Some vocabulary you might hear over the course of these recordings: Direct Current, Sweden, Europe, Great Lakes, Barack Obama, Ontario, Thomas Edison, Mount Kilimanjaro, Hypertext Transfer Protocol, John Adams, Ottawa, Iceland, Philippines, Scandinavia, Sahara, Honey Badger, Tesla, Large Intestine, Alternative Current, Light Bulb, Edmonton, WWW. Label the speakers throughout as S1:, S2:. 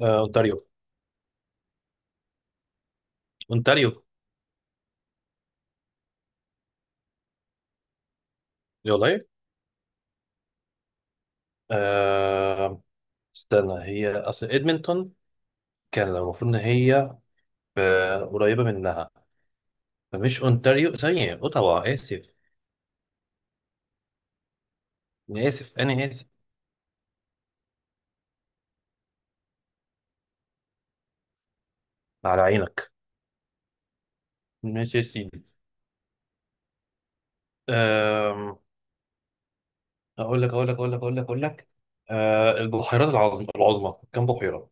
S1: آه، اونتاريو. اونتاريو دي والله. آه، استنى، هي اصل ادمنتون كان المفروض ان هي قريبه منها. فمش اونتاريو ثانيه، اوتاوا، اسف. انا اسف انا اسف. على عينك. ماشي يا سيدي. آم، اقول لك، البحيرات العظمى كام بحيره؟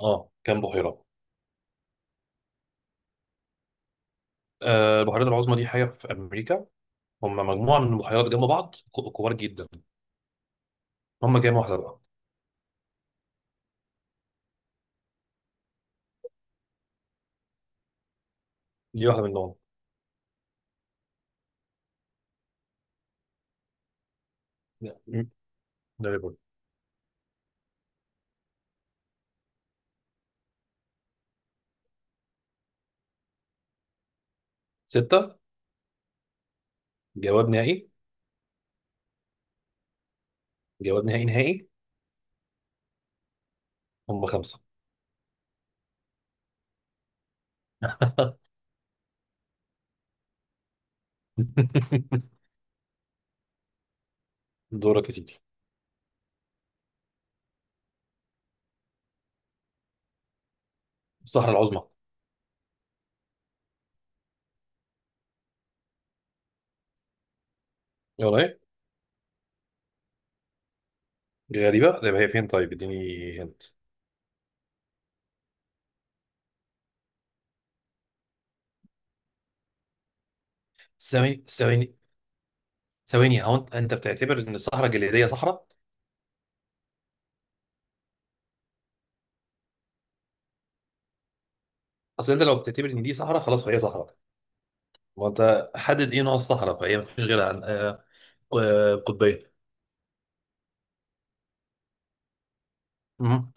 S1: اه، كام بحيره؟ البحيرات العظمى دي حاجه في امريكا. هم مجموعه من البحيرات جنب بعض، كبار جدا. هم كام واحده بقى؟ دي واحده منهم. لا. ده. ستة. جواب نهائي. جواب نهائي نهائي. هم خمسة. دورك يا سيدي. الصحراء العظمى. يلا ايه؟ غريبة؟ طيب هي فين؟ طيب اديني هنت. ثواني، ثواني، ثواني. هو انت بتعتبر ان الصحراء الجليدية صحراء؟ اصل انت لو بتعتبر ان دي صحراء خلاص فهي صحراء. وانت حدد ايه نوع الصحراء فهي مفيش غيرها عن قطبية. مم.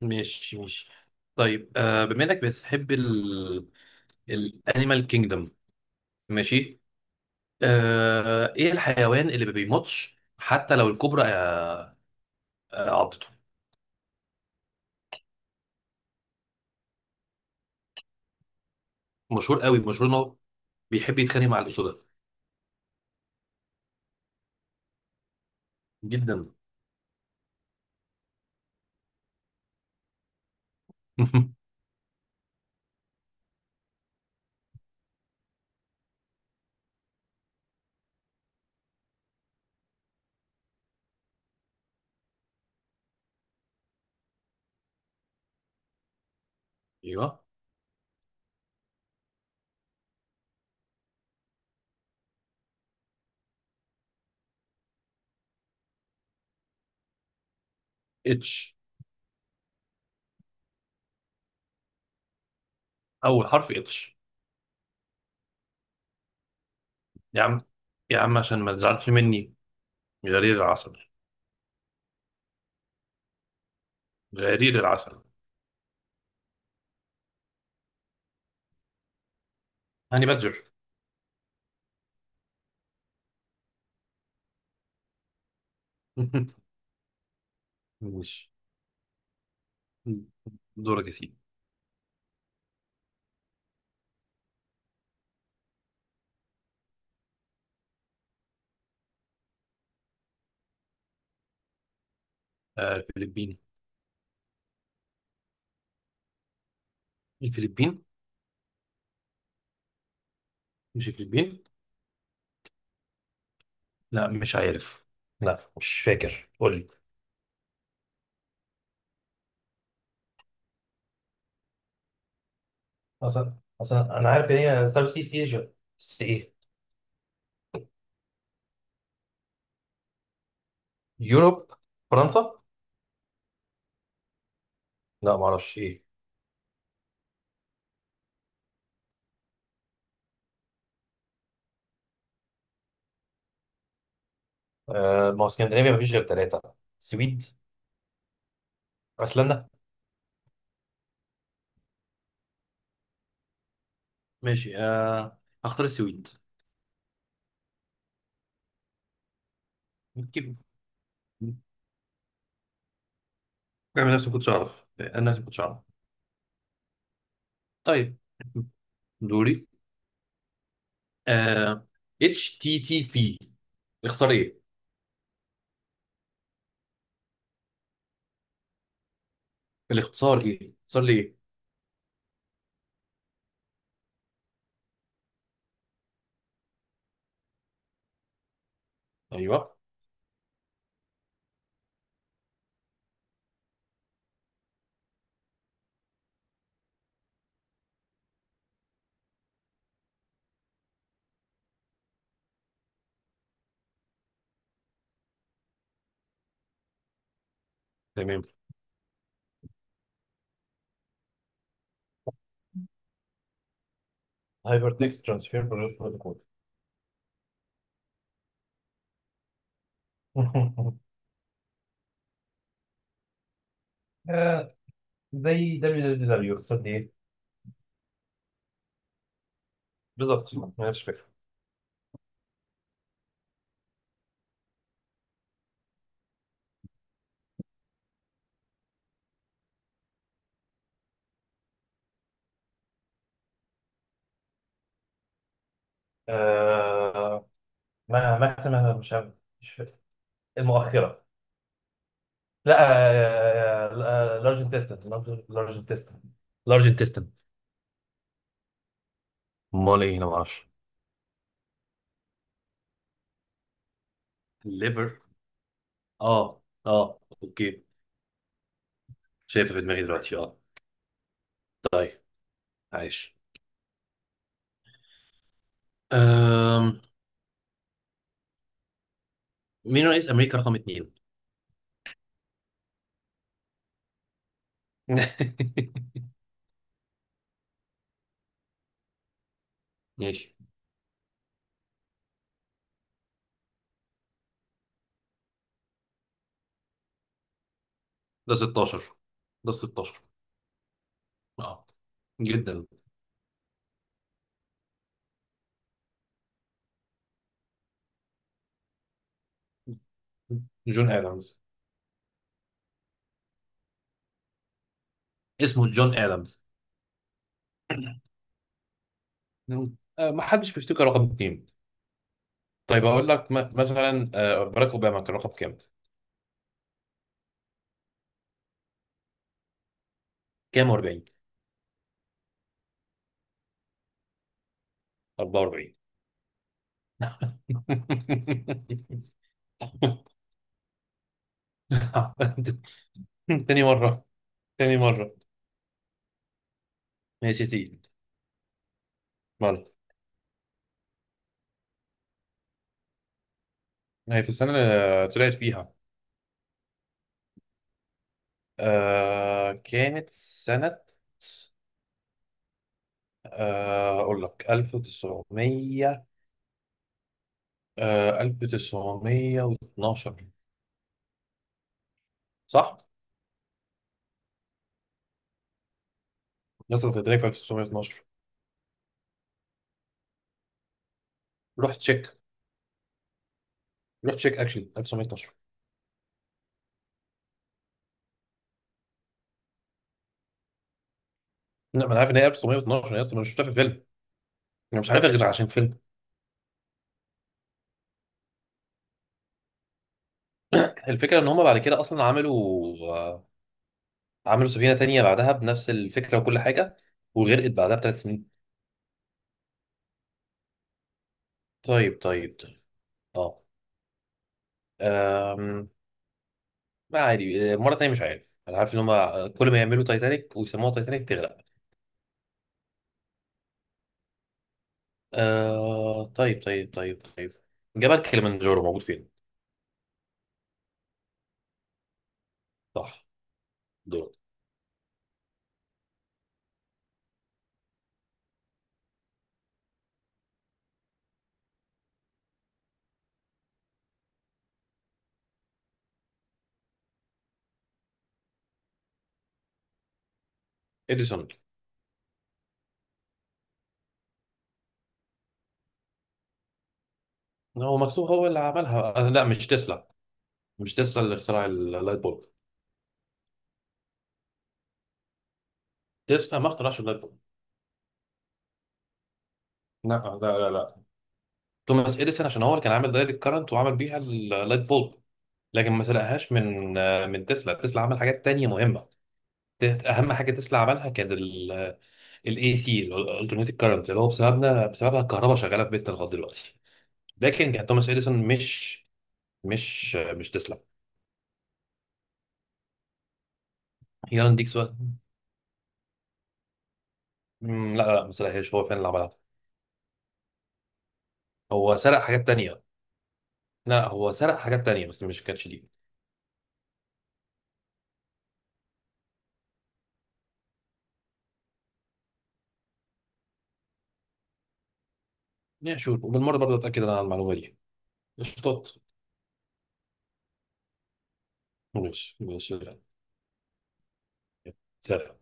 S1: ماشي، ماشي. طيب، بما انك بتحب الانيمال كينجدم. ماشي. ايه الحيوان اللي ما بيموتش حتى لو الكوبرا عضته؟ مشهور قوي، مشهور انه بيحب يتخانق مع الاسود جدا. ايوه. اتش. اول حرف اتش. يا عم. يا عم، عشان ما تزعلش مني. غرير العسل. غرير العسل. هاني بادجر. ماشي. دورك يا سيدي. الفلبين. الفلبين. مش الفلبين؟ لا، مش عارف. لا مش فاكر، قول لي. اصلا انا عارف ان هي ساوث ايست ايجا. بس ايه؟ يوروب؟ فرنسا؟ لا ما اعرفش ايه. ما هو اسكندنافيا ما فيش غير ثلاثه. السويد، ايسلندا. ماشي. هختار السويد. يمكن. بعمل نفسي ما كنتش اعرف. انا نفسي ما كنتش اعرف. طيب. دوري. آه اتش تي تي بي. اختار ايه؟ الاختصار ايه، اختصار ليه؟ ايوه. تمام. هايبر تكست ترانسفير بروتوكول. آه، زي دبليو دبليو دبليو اقتصاد ايه؟ بالظبط ما عنديش فكره. آه، مش عارف. المؤخره. لا. لارج انتستين. لارج انتستين. لارج انتستين. امال ايه؟ انا ما اعرفش. الليفر. اه، اه، اوكي. شايفه في دماغي دلوقتي، اه. طيب. عايش. أم... مين رئيس امريكا رقم اتنين؟ ماشي. ده 16. ده 16، اه، جدا. جون ادمز. اسمه جون ادمز. مم. ما حدش بيفتكر رقم اتنين. طيب اقول لك، مثلا باراك اوباما كان رقم كام؟ كام و40؟ 44. تاني مرة، تاني مرة. ماشي يا سيدي. مرة. هي في السنة اللي طلعت فيها. كانت سنة أقول لك 1900. 1912. صح؟ مصر كانت في 1912. روح تشيك. روح تشيك اكشلي 1912. لا ما انا عارف ان هي 1912، انا اصلا ما شفتها في فيلم. انا مش عارفها غير عشان فيلم. الفكره ان هم بعد كده اصلا آه، عملوا سفينة تانية بعدها بنفس الفكرة وكل حاجة. وغرقت بعدها بـ3 سنين. طيب، طيب، طيب، اه، أم... ما عادي، مرة تانية مش عارف. أنا عارف إن هما كل ما يعملوا تايتانيك ويسموها تايتانيك تغرق. طيب، طيب، طيب، طيب. جبل كليمنجارو موجود فين؟ صح. دول. إديسون. هو مكتوب هو اللي عملها، لا مش تسلا. مش تسلا اللي اخترع اللايت بولب. تسلا ما اخترعش اللايت بولب. لا، لا، لا، لا. توماس إديسون، عشان هو اللي كان عامل دايركت كارنت وعمل بيها اللايت بولب. لكن ما سرقهاش من تسلا. تسلا عمل حاجات تانية مهمة. اهم حاجه تسلا عملها كانت الاي سي الالترناتيف كارنت اللي هو بسببها الكهرباء شغاله في بيتنا لغايه دلوقتي. لكن كان توماس اديسون، مش تسلا. يلا نديك سؤال. مم، لا لا، ما سرقهاش، هو فعلا اللي عملها. هو سرق حاجات تانية. لا هو سرق حاجات تانية بس مش كانتش دي. يا شوف، وبالمره برضه اتاكد انا على المعلومه دي. قشطات. ماشي، ماشي. سرق.